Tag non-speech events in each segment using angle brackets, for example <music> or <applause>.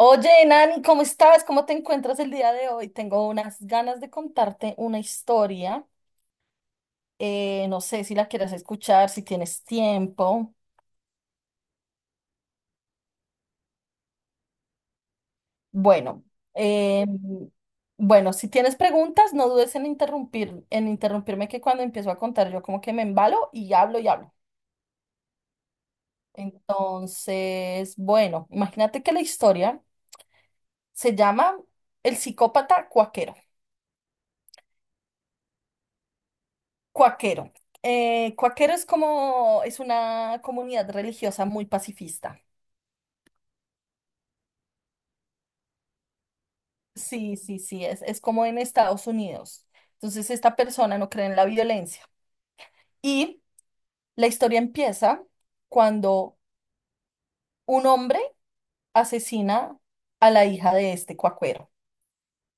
Oye, Nani, ¿cómo estás? ¿Cómo te encuentras el día de hoy? Tengo unas ganas de contarte una historia. No sé si la quieras escuchar, si tienes tiempo. Bueno, eh, bueno, si tienes preguntas, no dudes en interrumpir, en interrumpirme que cuando empiezo a contar yo como que me embalo y hablo y hablo. Entonces, bueno, imagínate que la historia se llama El psicópata cuaquero. Cuaquero. Cuaquero es como, es una comunidad religiosa muy pacifista. Sí, sí, sí, es como en Estados Unidos. Entonces, esta persona no cree en la violencia. Y la historia empieza cuando un hombre asesina a la hija de este cuaquero.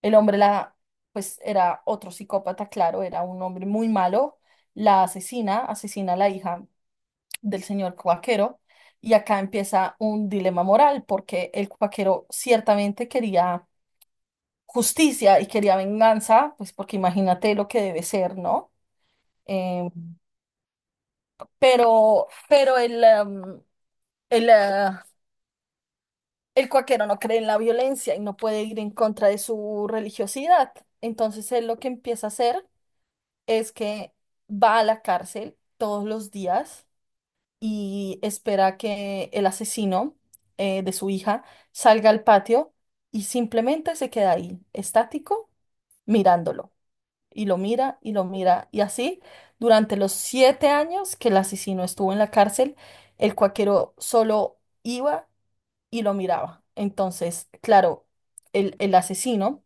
El hombre la, pues era otro psicópata, claro, era un hombre muy malo, la asesina, asesina a la hija del señor Cuaquero. Y acá empieza un dilema moral, porque el Cuaquero ciertamente quería justicia y quería venganza, pues porque imagínate lo que debe ser, ¿no? Eh, pero, el, eh, el Cuaquero no cree en la violencia y no puede ir en contra de su religiosidad. Entonces él lo que empieza a hacer es que va a la cárcel todos los días y espera que el asesino de su hija salga al patio y simplemente se queda ahí, estático, mirándolo. Y lo mira y lo mira. Y así, durante los 7 años que el asesino estuvo en la cárcel, el cuaquero solo iba y lo miraba. Entonces, claro, el asesino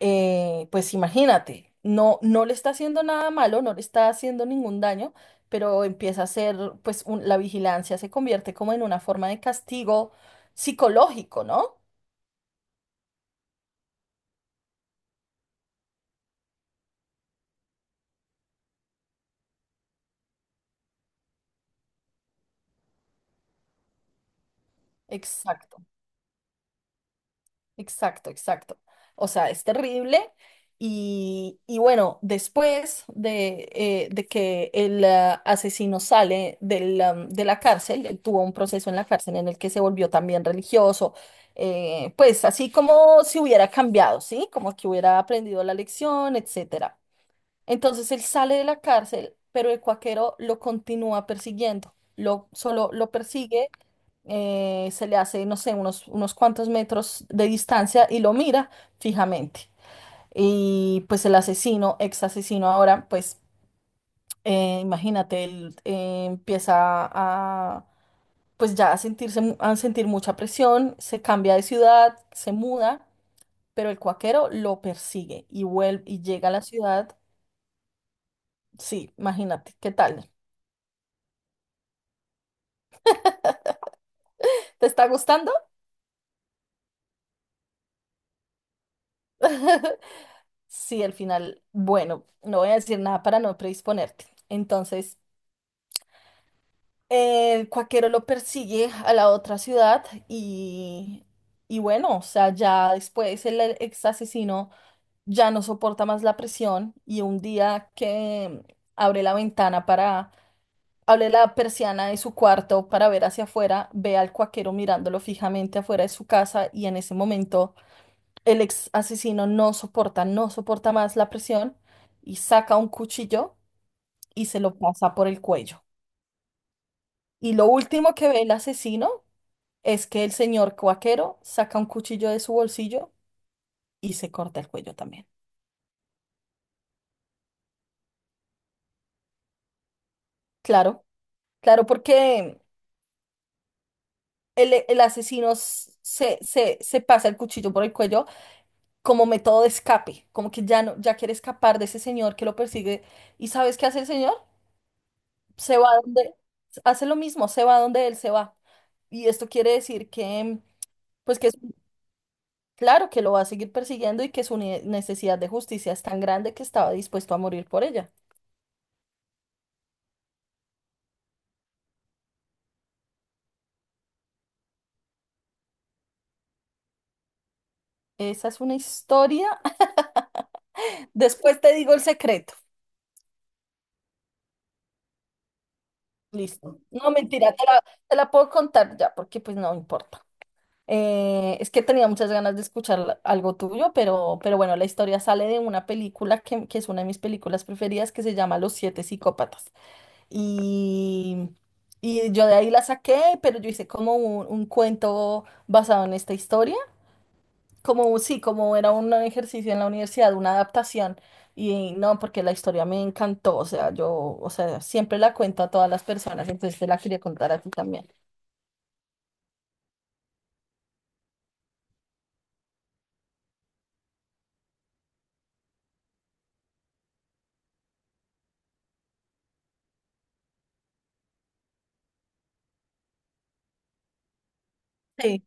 pues imagínate, no, no le está haciendo nada malo, no le está haciendo ningún daño, pero empieza a ser, pues la vigilancia se convierte como en una forma de castigo psicológico, ¿no? Exacto. Exacto, exacto. O sea, es terrible. Y bueno, después de que el asesino sale del, de la cárcel, él tuvo un proceso en la cárcel en el que se volvió también religioso, pues así como si hubiera cambiado, ¿sí? Como que hubiera aprendido la lección, etcétera. Entonces él sale de la cárcel, pero el cuaquero lo continúa persiguiendo, lo, solo lo persigue se le hace, no sé, unos, unos cuantos metros de distancia y lo mira fijamente. Y pues el asesino, ex asesino ahora, pues imagínate, él empieza a, pues ya a sentirse, a sentir mucha presión, se cambia de ciudad, se muda, pero el cuaquero lo persigue y vuelve y llega a la ciudad. Sí, imagínate, ¿qué tal? ¿Te está gustando? <laughs> Sí, al final, bueno, no voy a decir nada para no predisponerte. Entonces, el cuaquero lo persigue a la otra ciudad y bueno, o sea, ya después el ex asesino ya no soporta más la presión y un día que abre la ventana para, abre la persiana de su cuarto para ver hacia afuera, ve al cuaquero mirándolo fijamente afuera de su casa y en ese momento el ex asesino no soporta, no soporta más la presión y saca un cuchillo y se lo pasa por el cuello. Y lo último que ve el asesino es que el señor cuaquero saca un cuchillo de su bolsillo y se corta el cuello también. Claro, claro, porque el asesino se pasa el cuchillo por el cuello como método de escape, como que ya no, ya quiere escapar de ese señor que lo persigue. ¿Y sabes qué hace el señor? Se va donde, hace lo mismo, se va donde él se va. Y esto quiere decir que, pues que es claro que lo va a seguir persiguiendo y que su necesidad de justicia es tan grande que estaba dispuesto a morir por ella. Esa es una historia. Después te digo el secreto. Listo. No, mentira, te la puedo contar ya, porque pues no importa. Es que tenía muchas ganas de escuchar algo tuyo, pero bueno, la historia sale de una película que es una de mis películas preferidas que se llama Los Siete Psicópatas. Y, y yo de ahí la saqué, pero yo hice como un cuento basado en esta historia. Como, sí, como era un ejercicio en la universidad, una adaptación, y no, porque la historia me encantó, o sea, yo, o sea, siempre la cuento a todas las personas, entonces te la quería contar a ti también. Sí.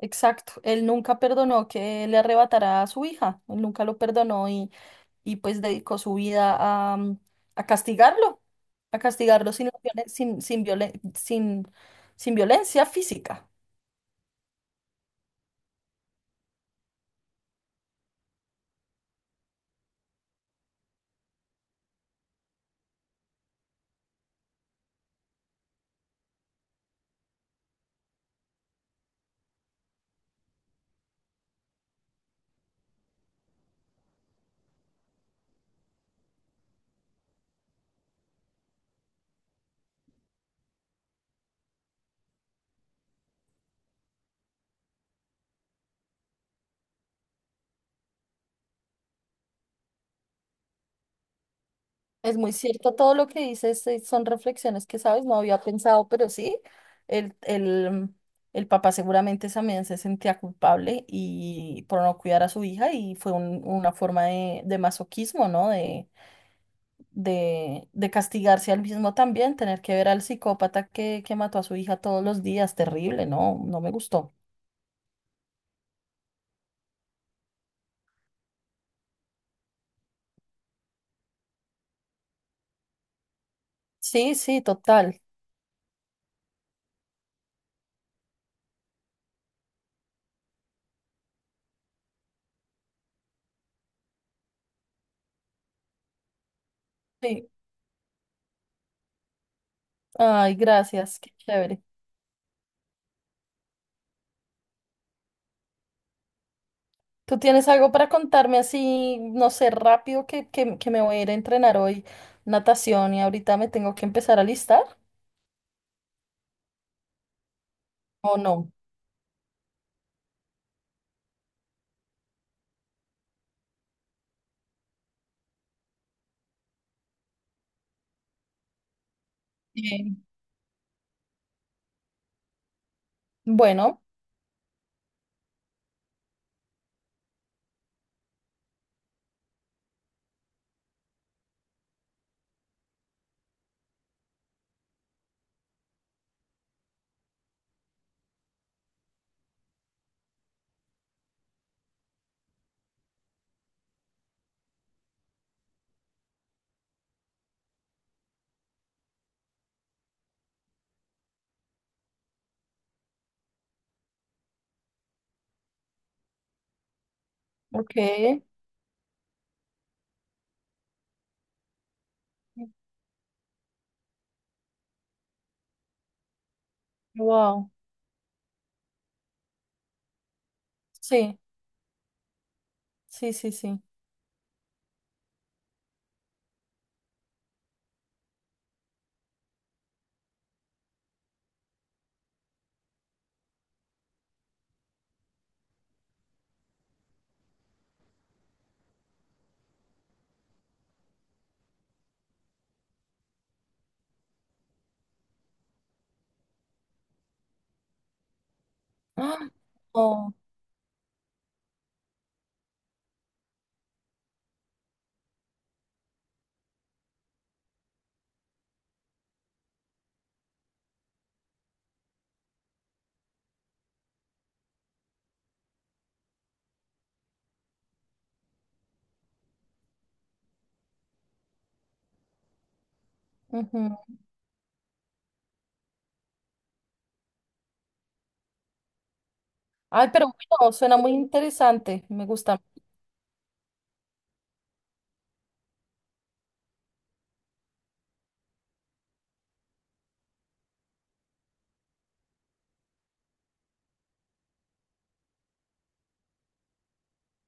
Exacto, él nunca perdonó que le arrebatara a su hija, él nunca lo perdonó y pues dedicó su vida a, a castigarlo, a castigarlo sin, la violen- sin, sin violencia física. Es muy cierto todo lo que dices, son reflexiones que, sabes, no había pensado, pero sí, el, el, el papá seguramente también se sentía culpable y por no cuidar a su hija y fue una forma de masoquismo, ¿no? De, de castigarse al mismo también, tener que ver al psicópata que mató a su hija todos los días, terrible, ¿no? No me gustó. Sí, sí, total. Sí. Ay, gracias, qué chévere. ¿Tú tienes algo para contarme así, no sé, rápido que, que me voy a ir a entrenar hoy natación y ahorita me tengo que empezar a listar? ¿O no? Sí. Bueno, ok. Wow. Sí, sí, sí, sí. ¡Ah! Oh, ujú. Ay, pero bueno, suena muy interesante. Me gusta.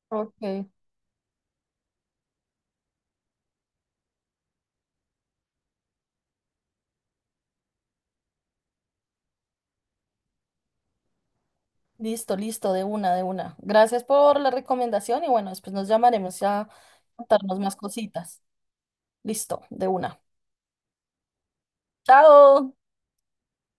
Ok. Listo, listo, de una, de una. Gracias por la recomendación y bueno, después nos llamaremos ya a contarnos más cositas. Listo, de una. Chao.